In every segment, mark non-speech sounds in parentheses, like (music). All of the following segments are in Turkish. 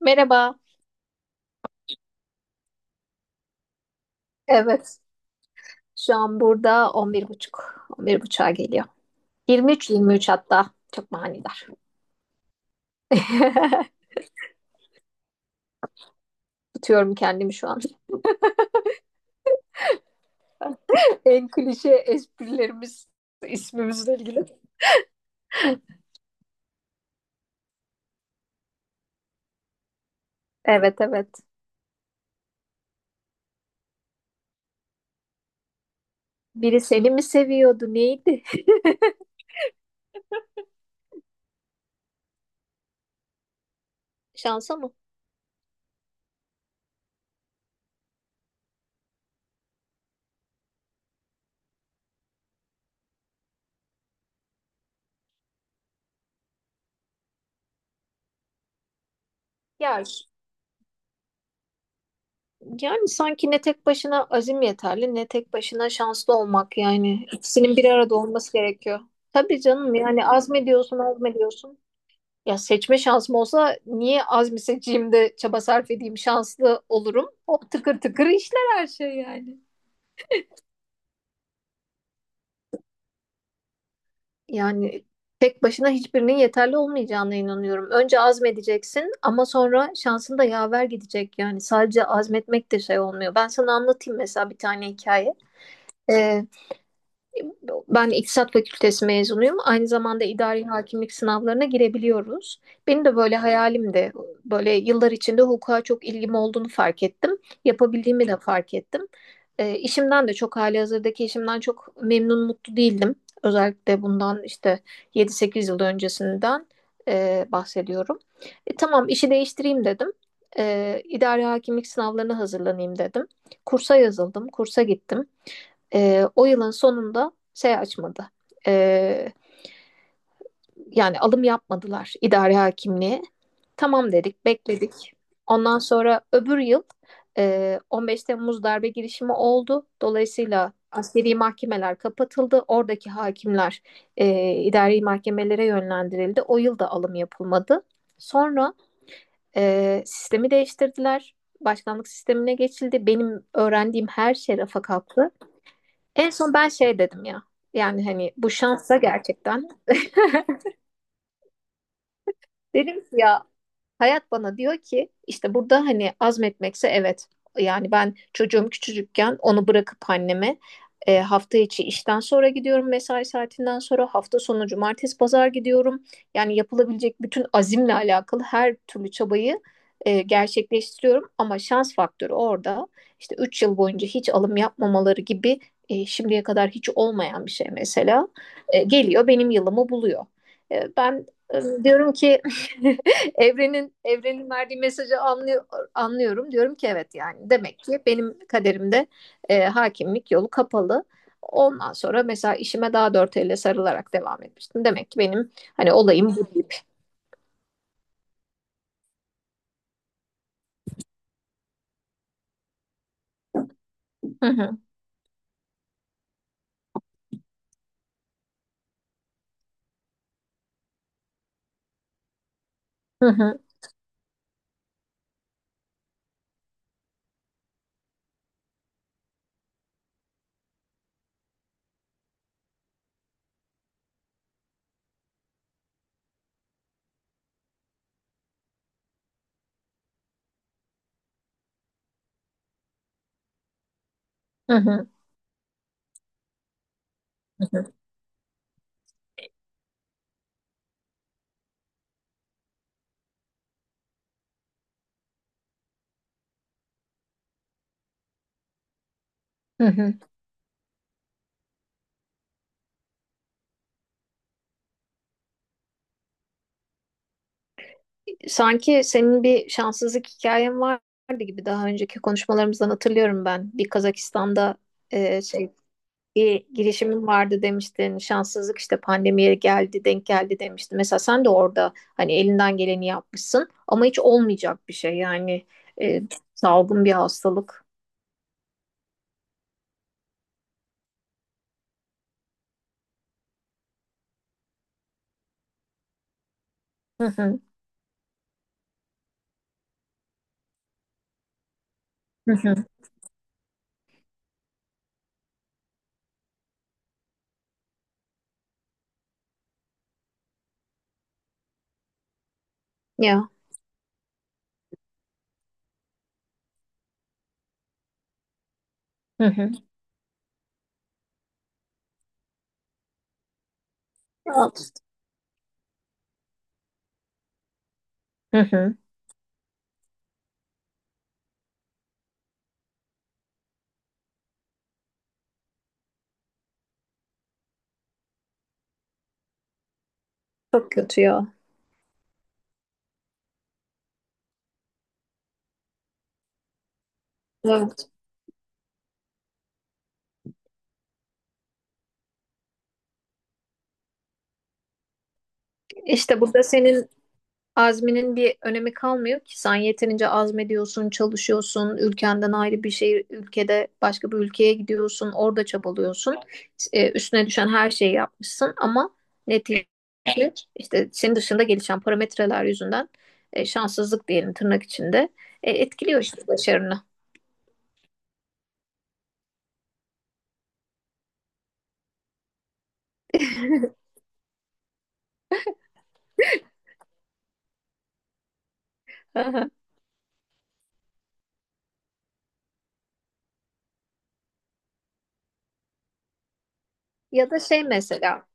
Merhaba. Evet. Şu an burada on on bir buçuk, on bir 11.30'a geliyor. Yirmi üç, yirmi üç hatta. Çok manidar. (laughs) Tutuyorum kendimi şu an. (laughs) En klişe esprilerimiz ismimizle ilgili. Evet, evet. Biri seni mi seviyordu? Neydi? (laughs) Şansa mı? Ya, yani sanki ne tek başına azim yeterli ne tek başına şanslı olmak yani. İkisinin bir arada olması gerekiyor. Tabii canım, yani azmediyorsun azmediyorsun. Ya seçme şansım olsa niye azmi seçeyim de çaba sarf edeyim, şanslı olurum. Hop tıkır tıkır işler her şey yani. Yani tek başına hiçbirinin yeterli olmayacağına inanıyorum. Önce azmedeceksin ama sonra şansın da yaver gidecek. Yani sadece azmetmek de şey olmuyor. Ben sana anlatayım mesela bir tane hikaye. Ee, Ben İktisat Fakültesi mezunuyum. Aynı zamanda idari hakimlik sınavlarına girebiliyoruz. Benim de böyle hayalimdi. Böyle yıllar içinde hukuka çok ilgim olduğunu fark ettim. Yapabildiğimi de fark ettim. İşimden de çok, halihazırdaki işimden çok memnun mutlu değildim. Özellikle bundan işte 7-8 yıl öncesinden bahsediyorum. Tamam, işi değiştireyim dedim. İdari hakimlik sınavlarına hazırlanayım dedim. Kursa yazıldım, kursa gittim. O yılın sonunda şey açmadı. Ee, Yani alım yapmadılar idare hakimliğe. Tamam dedik, bekledik. Ondan sonra öbür yıl 15 Temmuz darbe girişimi oldu. Dolayısıyla askeri mahkemeler kapatıldı. Oradaki hakimler idari mahkemelere yönlendirildi. O yıl da alım yapılmadı. Sonra sistemi değiştirdiler. Başkanlık sistemine geçildi. Benim öğrendiğim her şey rafa kalktı. En son ben şey dedim ya. Yani hani bu şansa gerçekten. Dedim ki ya, hayat bana diyor ki işte burada hani azmetmekse evet. Yani ben, çocuğum küçücükken onu bırakıp anneme hafta içi işten sonra gidiyorum, mesai saatinden sonra, hafta sonu cumartesi pazar gidiyorum. Yani yapılabilecek bütün azimle alakalı her türlü çabayı gerçekleştiriyorum ama şans faktörü orada, işte 3 yıl boyunca hiç alım yapmamaları gibi şimdiye kadar hiç olmayan bir şey mesela geliyor benim yılımı buluyor. E, ben diyorum ki (laughs) evrenin verdiği mesajı anlıyor, anlıyorum. Diyorum ki evet, yani demek ki benim kaderimde hakimlik yolu kapalı. Ondan sonra mesela işime daha dört elle sarılarak devam etmiştim. Demek ki benim hani olayım bu deyip. Hı hı, hı hı, hı hı, hı hı. Sanki senin bir şanssızlık hikayen vardı gibi, daha önceki konuşmalarımızdan hatırlıyorum ben. Bir Kazakistan'da şey, bir girişimin vardı demiştin. Şanssızlık işte, pandemiye geldi, denk geldi demiştin. Mesela sen de orada hani elinden geleni yapmışsın ama hiç olmayacak bir şey yani, e, salgın bir hastalık. Hı hı. Hı hı. Ya. Hı hı. Hı hı. Çok kötü ya. Evet. İşte burada senin azminin bir önemi kalmıyor ki, sen yeterince azmediyorsun, çalışıyorsun, ülkenden ayrı bir şehir, ülkede başka bir ülkeye gidiyorsun, orada çabalıyorsun. E, üstüne düşen her şeyi yapmışsın ama netice, işte senin dışında gelişen parametreler yüzünden şanssızlık diyelim tırnak içinde, etkiliyor işte başarını. Hı hı. Ya da şey mesela,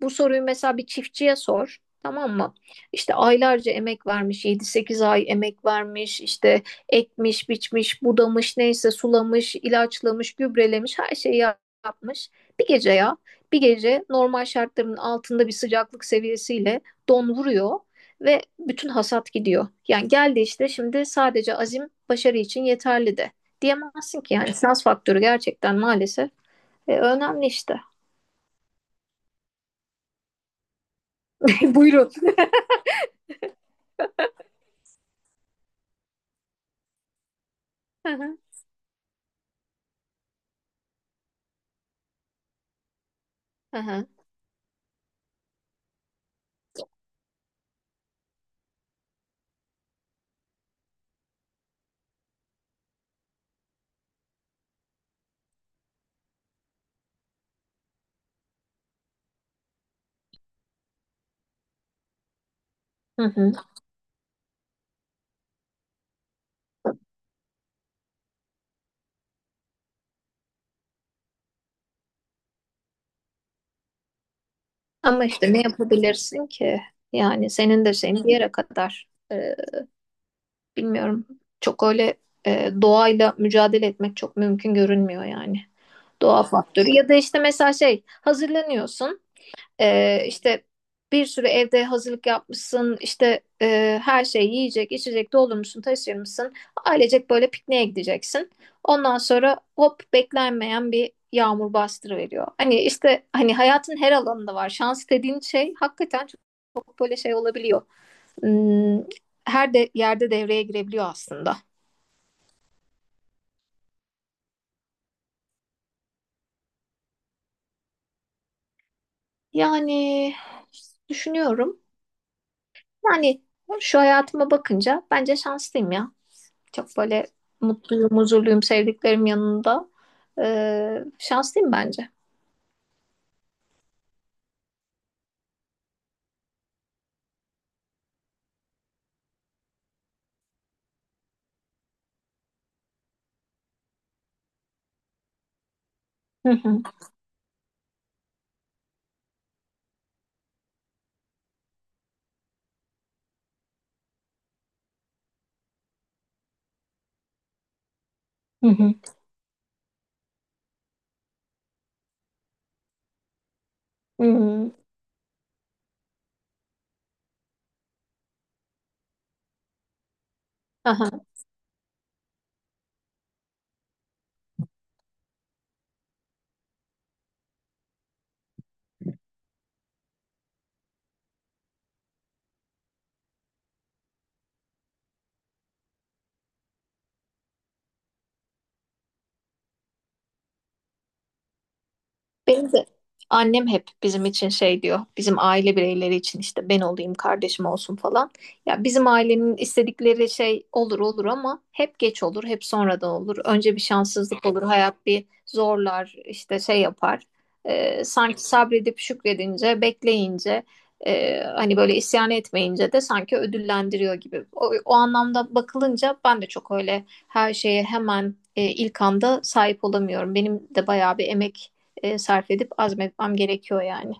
bu soruyu mesela bir çiftçiye sor. Tamam mı? İşte aylarca emek vermiş, 7-8 ay emek vermiş, işte ekmiş, biçmiş, budamış, neyse, sulamış, ilaçlamış, gübrelemiş, her şeyi yapmış. Bir gece ya, bir gece normal şartların altında bir sıcaklık seviyesiyle don vuruyor ve bütün hasat gidiyor. Yani geldi işte şimdi, sadece azim başarı için yeterli de diyemezsin ki yani, şans faktörü gerçekten maalesef önemli işte. (laughs) Buyurun. (laughs) Hı hı. Hı hı. Hı hı. Ama işte ne yapabilirsin ki? Yani senin de şeyin bir yere kadar. Bilmiyorum. Çok öyle doğayla mücadele etmek çok mümkün görünmüyor yani. Doğa faktörü. Ya da işte mesela şey, hazırlanıyorsun. İşte bir sürü evde hazırlık yapmışsın, işte her şey, yiyecek, içecek doldurmuşsun, taşırmışsın. Ailecek böyle pikniğe gideceksin. Ondan sonra hop, beklenmeyen bir yağmur bastırıveriyor. Hani işte, hani hayatın her alanında var. Şans dediğin şey hakikaten çok, çok böyle şey olabiliyor. Hmm, her de yerde devreye girebiliyor aslında. Yani düşünüyorum. Yani şu hayatıma bakınca bence şanslıyım ya. Çok böyle mutluyum, huzurluyum, sevdiklerim yanında. Şanslıyım bence. Hı hı. Hı hı. Hı hı. Aha. Benim de annem hep bizim için şey diyor. Bizim aile bireyleri için işte, ben olayım, kardeşim olsun falan. Ya bizim ailenin istedikleri şey olur olur, ama hep geç olur, hep sonradan olur. Önce bir şanssızlık olur, hayat bir zorlar, işte şey yapar. Sanki sabredip şükredince, bekleyince, hani böyle isyan etmeyince de sanki ödüllendiriyor gibi. O anlamda bakılınca ben de çok öyle her şeye hemen ilk anda sahip olamıyorum. Benim de bayağı bir emek sarf edip azmetmem gerekiyor yani.